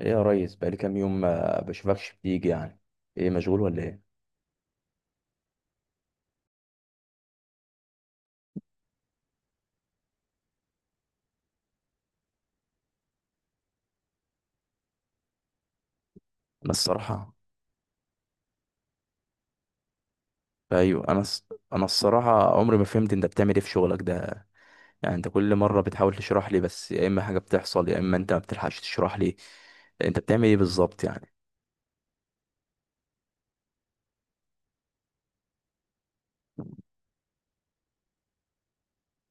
ايه يا ريس، بقالي كام يوم ما بشوفكش بتيجي يعني؟ ايه، مشغول ولا ايه؟ انا الصراحه. ايوه انا الص- انا الصراحه عمري ما فهمت انت بتعمل ايه في شغلك ده يعني. انت كل مره بتحاول تشرح لي، بس يا اما حاجه بتحصل يا اما انت ما بتلحقش تشرح لي. انت بتعمل ايه بالظبط يعني؟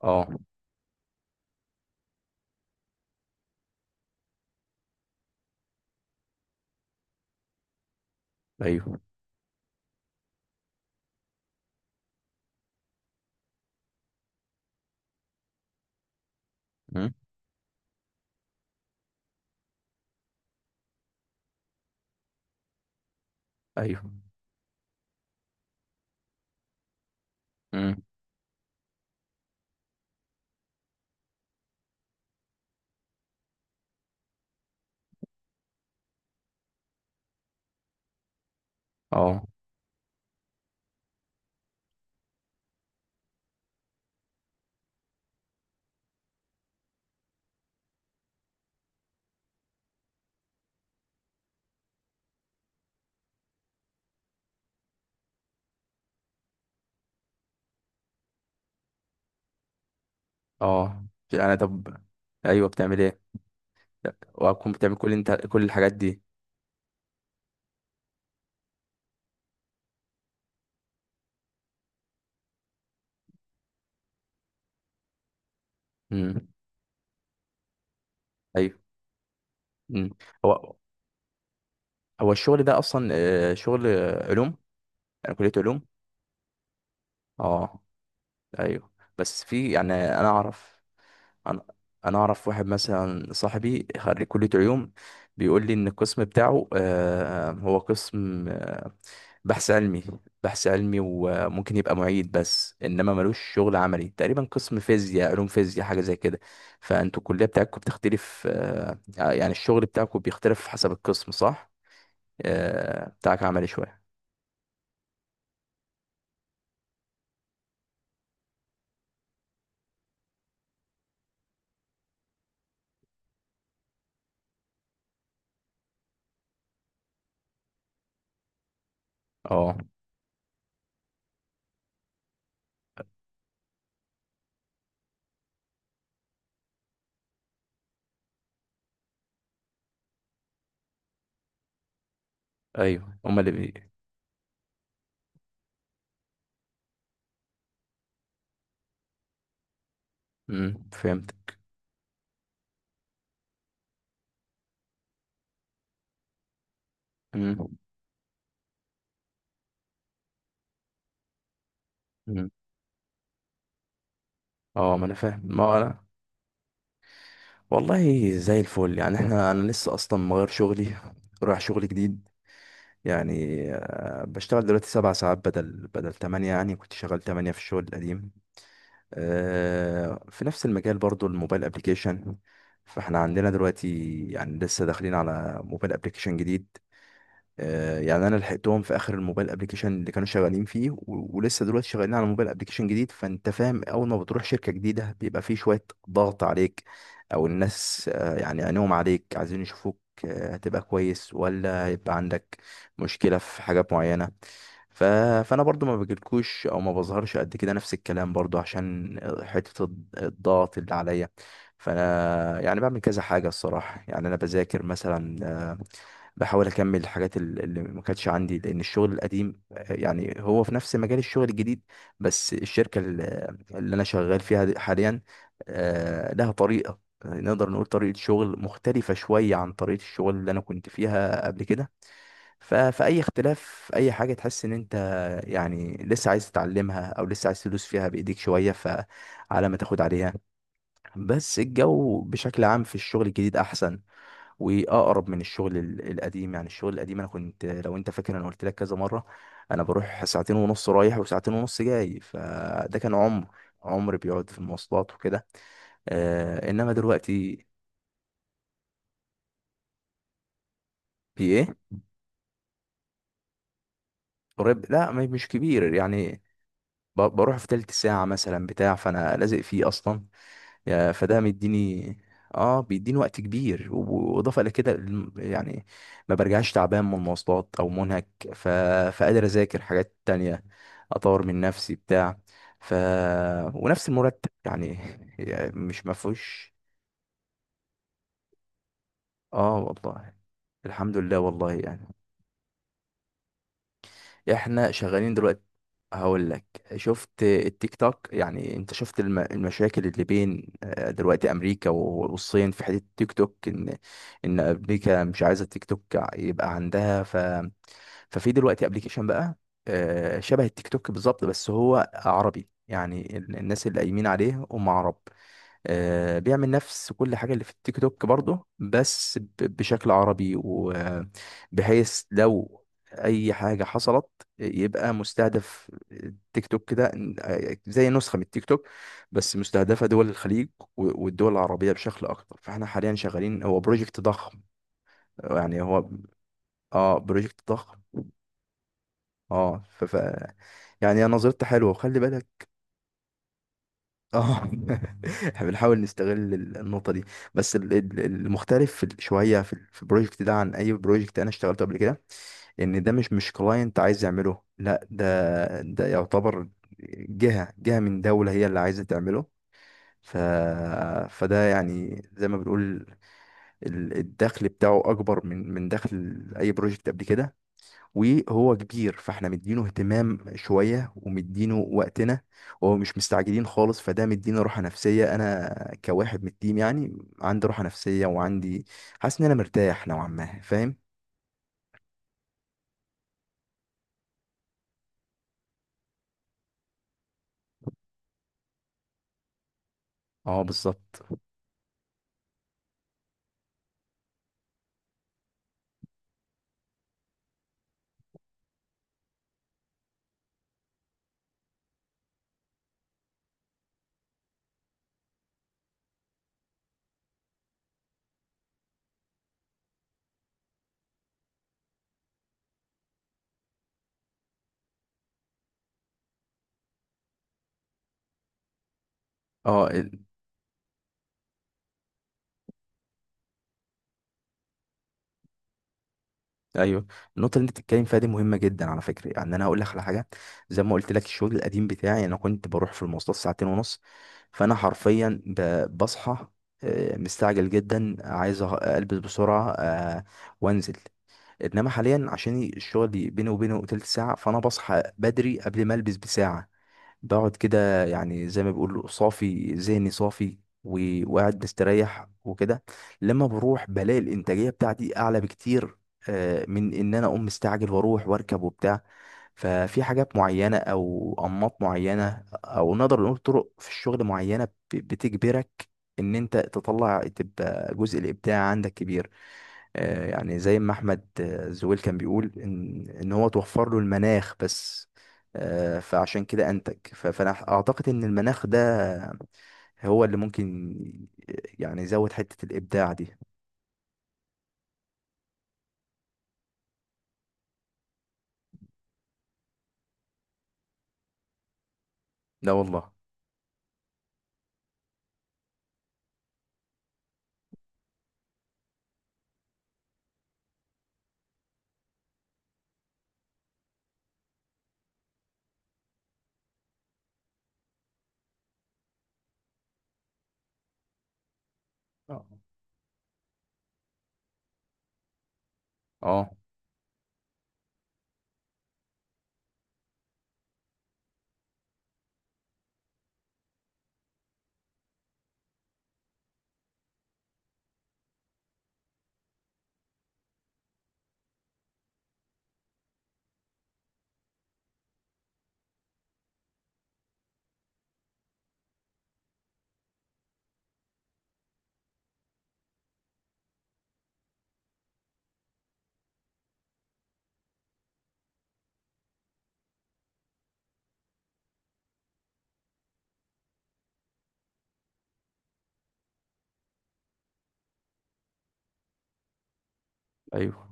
اه. ايوه. امم. ايوه. امم. اه. اه. يعني طب. ايوه، بتعمل ايه؟ لا، وهتكون بتعمل كل، انت كل الحاجات دي؟ امم. ايوه. امم. هو هو الشغل ده اصلا شغل علوم؟ يعني كليه علوم؟ اه. ايوه. بس في، يعني انا اعرف. انا انا اعرف واحد مثلا، صاحبي خريج كلية علوم، بيقول لي ان القسم بتاعه هو قسم بحث علمي. بحث علمي وممكن يبقى معيد، بس انما ملوش شغل عملي تقريبا، قسم فيزياء، علوم فيزياء، حاجة زي كده. فانتوا الكلية بتاعتكم بتختلف، يعني الشغل بتاعكم بيختلف حسب القسم صح؟ بتاعك عملي شوية. اه. ايوه، هما اللي بي. مم، فهمت. مم. مم. اه ما انا فاهم، ما هو انا. والله زي الفل يعني. احنا، انا لسه اصلا مغير شغلي، رايح شغل جديد. يعني بشتغل دلوقتي سبع ساعات بدل تمانية، يعني كنت شغال تمانية في الشغل القديم. في نفس المجال برضو، الموبايل ابليكيشن. فاحنا عندنا دلوقتي، يعني لسه داخلين على موبايل ابليكيشن جديد. يعني انا لحقتهم في اخر الموبايل ابلكيشن اللي كانوا شغالين فيه، ولسه دلوقتي شغالين على موبايل ابلكيشن جديد. فانت فاهم، اول ما بتروح شركة جديدة بيبقى فيه شوية ضغط عليك، او الناس يعني عينيهم عليك، عايزين يشوفوك هتبقى كويس ولا هيبقى عندك مشكلة في حاجات معينة. ف... فانا برضو ما بجيلكوش او ما بظهرش قد كده، نفس الكلام برضو، عشان حتة الضغط اللي عليا. فانا يعني بعمل كذا حاجة الصراحة. يعني انا بذاكر مثلا، آه، بحاول اكمل الحاجات اللي ما كانتش عندي، لان الشغل القديم يعني هو في نفس مجال الشغل الجديد، بس الشركه اللي انا شغال فيها حاليا لها طريقه نقدر نقول طريقه شغل مختلفه شويه عن طريقه الشغل اللي انا كنت فيها قبل كده. فاي اختلاف، اي حاجه تحس ان انت يعني لسه عايز تتعلمها او لسه عايز تدوس فيها بايديك شويه، فعلى ما تاخد عليها. بس الجو بشكل عام في الشغل الجديد احسن واقرب من الشغل القديم. يعني الشغل القديم انا كنت، لو انت فاكر انا قلت لك كذا مره، انا بروح ساعتين ونص رايح وساعتين ونص جاي، فده كان عمر، عمر بيقعد في المواصلات وكده. آه، انما دلوقتي في ايه؟ قريب، لا مش كبير يعني. بروح في تلت ساعه مثلا بتاع، فانا لازق فيه اصلا. فده مديني، اه بيديني وقت كبير، واضافه الى كده يعني ما برجعش تعبان من المواصلات او منهك. ف... فقادر اذاكر حاجات تانية، اطور من نفسي بتاع. ف. ونفس المرتب يعني يعني مش مفهوش. اه والله، الحمد لله والله يعني. احنا شغالين دلوقتي. هقول لك، شفت التيك توك؟ يعني انت شفت المشاكل اللي بين دلوقتي امريكا والصين في حته التيك توك، ان امريكا مش عايزه التيك توك يبقى عندها. ف. ففي دلوقتي ابلكيشن بقى شبه التيك توك بالظبط، بس هو عربي، يعني الناس اللي قايمين عليه هم عرب. بيعمل نفس كل حاجة اللي في التيك توك برضه، بس بشكل عربي، وبحيث لو أي حاجة حصلت يبقى مستهدف التيك توك كده. زي نسخة من التيك توك، بس مستهدفة دول الخليج والدول العربية بشكل أكتر. فاحنا حاليا شغالين، هو بروجكت ضخم، يعني هو، اه بروجكت ضخم. اه. يعني هي نظرتي حلوة، وخلي بالك. اه. احنا بنحاول نستغل النقطة دي. بس المختلف في شوية في في البروجكت ده عن أي بروجكت أنا اشتغلته قبل كده، إن ده مش كلاينت عايز يعمله، لا ده، ده يعتبر جهة من دولة هي اللي عايزة تعمله. ف. فده يعني زي ما بنقول، الدخل بتاعه أكبر من دخل أي بروجكت قبل كده، وهو كبير، فاحنا مدينه اهتمام شوية ومدينه وقتنا، وهو مش مستعجلين خالص، فده مدينا راحة نفسية. انا كواحد من التيم يعني عندي راحة نفسية، وعندي، حاسس ان انا مرتاح نوعا ما، فاهم. اه بالظبط. اه ايوه. النقطة اللي انت بتتكلم فيها دي مهمة جدا على فكرة. يعني انا هقول لك على حاجة، زي ما قلت لك الشغل القديم بتاعي انا كنت بروح في المواصلات ساعتين ونص، فانا حرفيا بصحى مستعجل جدا، عايز البس بسرعة وانزل. انما حاليا عشان الشغل بيني وبينه تلت ساعه، فانا بصحى بدري قبل ما البس بساعه، بقعد كده يعني زي ما بيقولوا صافي، ذهني صافي، وقاعد مستريح وكده. لما بروح بلاقي الانتاجيه بتاعتي اعلى بكتير من ان انا اقوم مستعجل واروح واركب وبتاع. ففي حاجات معينه او انماط معينه او نقدر نقول طرق في الشغل معينه بتجبرك ان انت تطلع، تبقى جزء الابداع عندك كبير. يعني زي ما احمد زويل كان بيقول ان هو توفر له المناخ بس فعشان كده انتج. فانا اعتقد ان المناخ ده هو اللي ممكن يعني يزود حتة الابداع دي. لا والله. اه. اه. ايوه.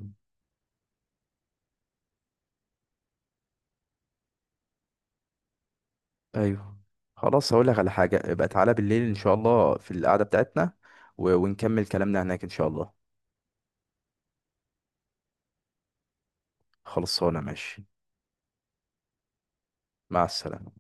ايوه، خلاص هقول لك على حاجة، يبقى تعالى بالليل ان شاء الله في القعدة بتاعتنا، ونكمل كلامنا هناك ان شاء الله. خلصانة ماشي. مع السلامة.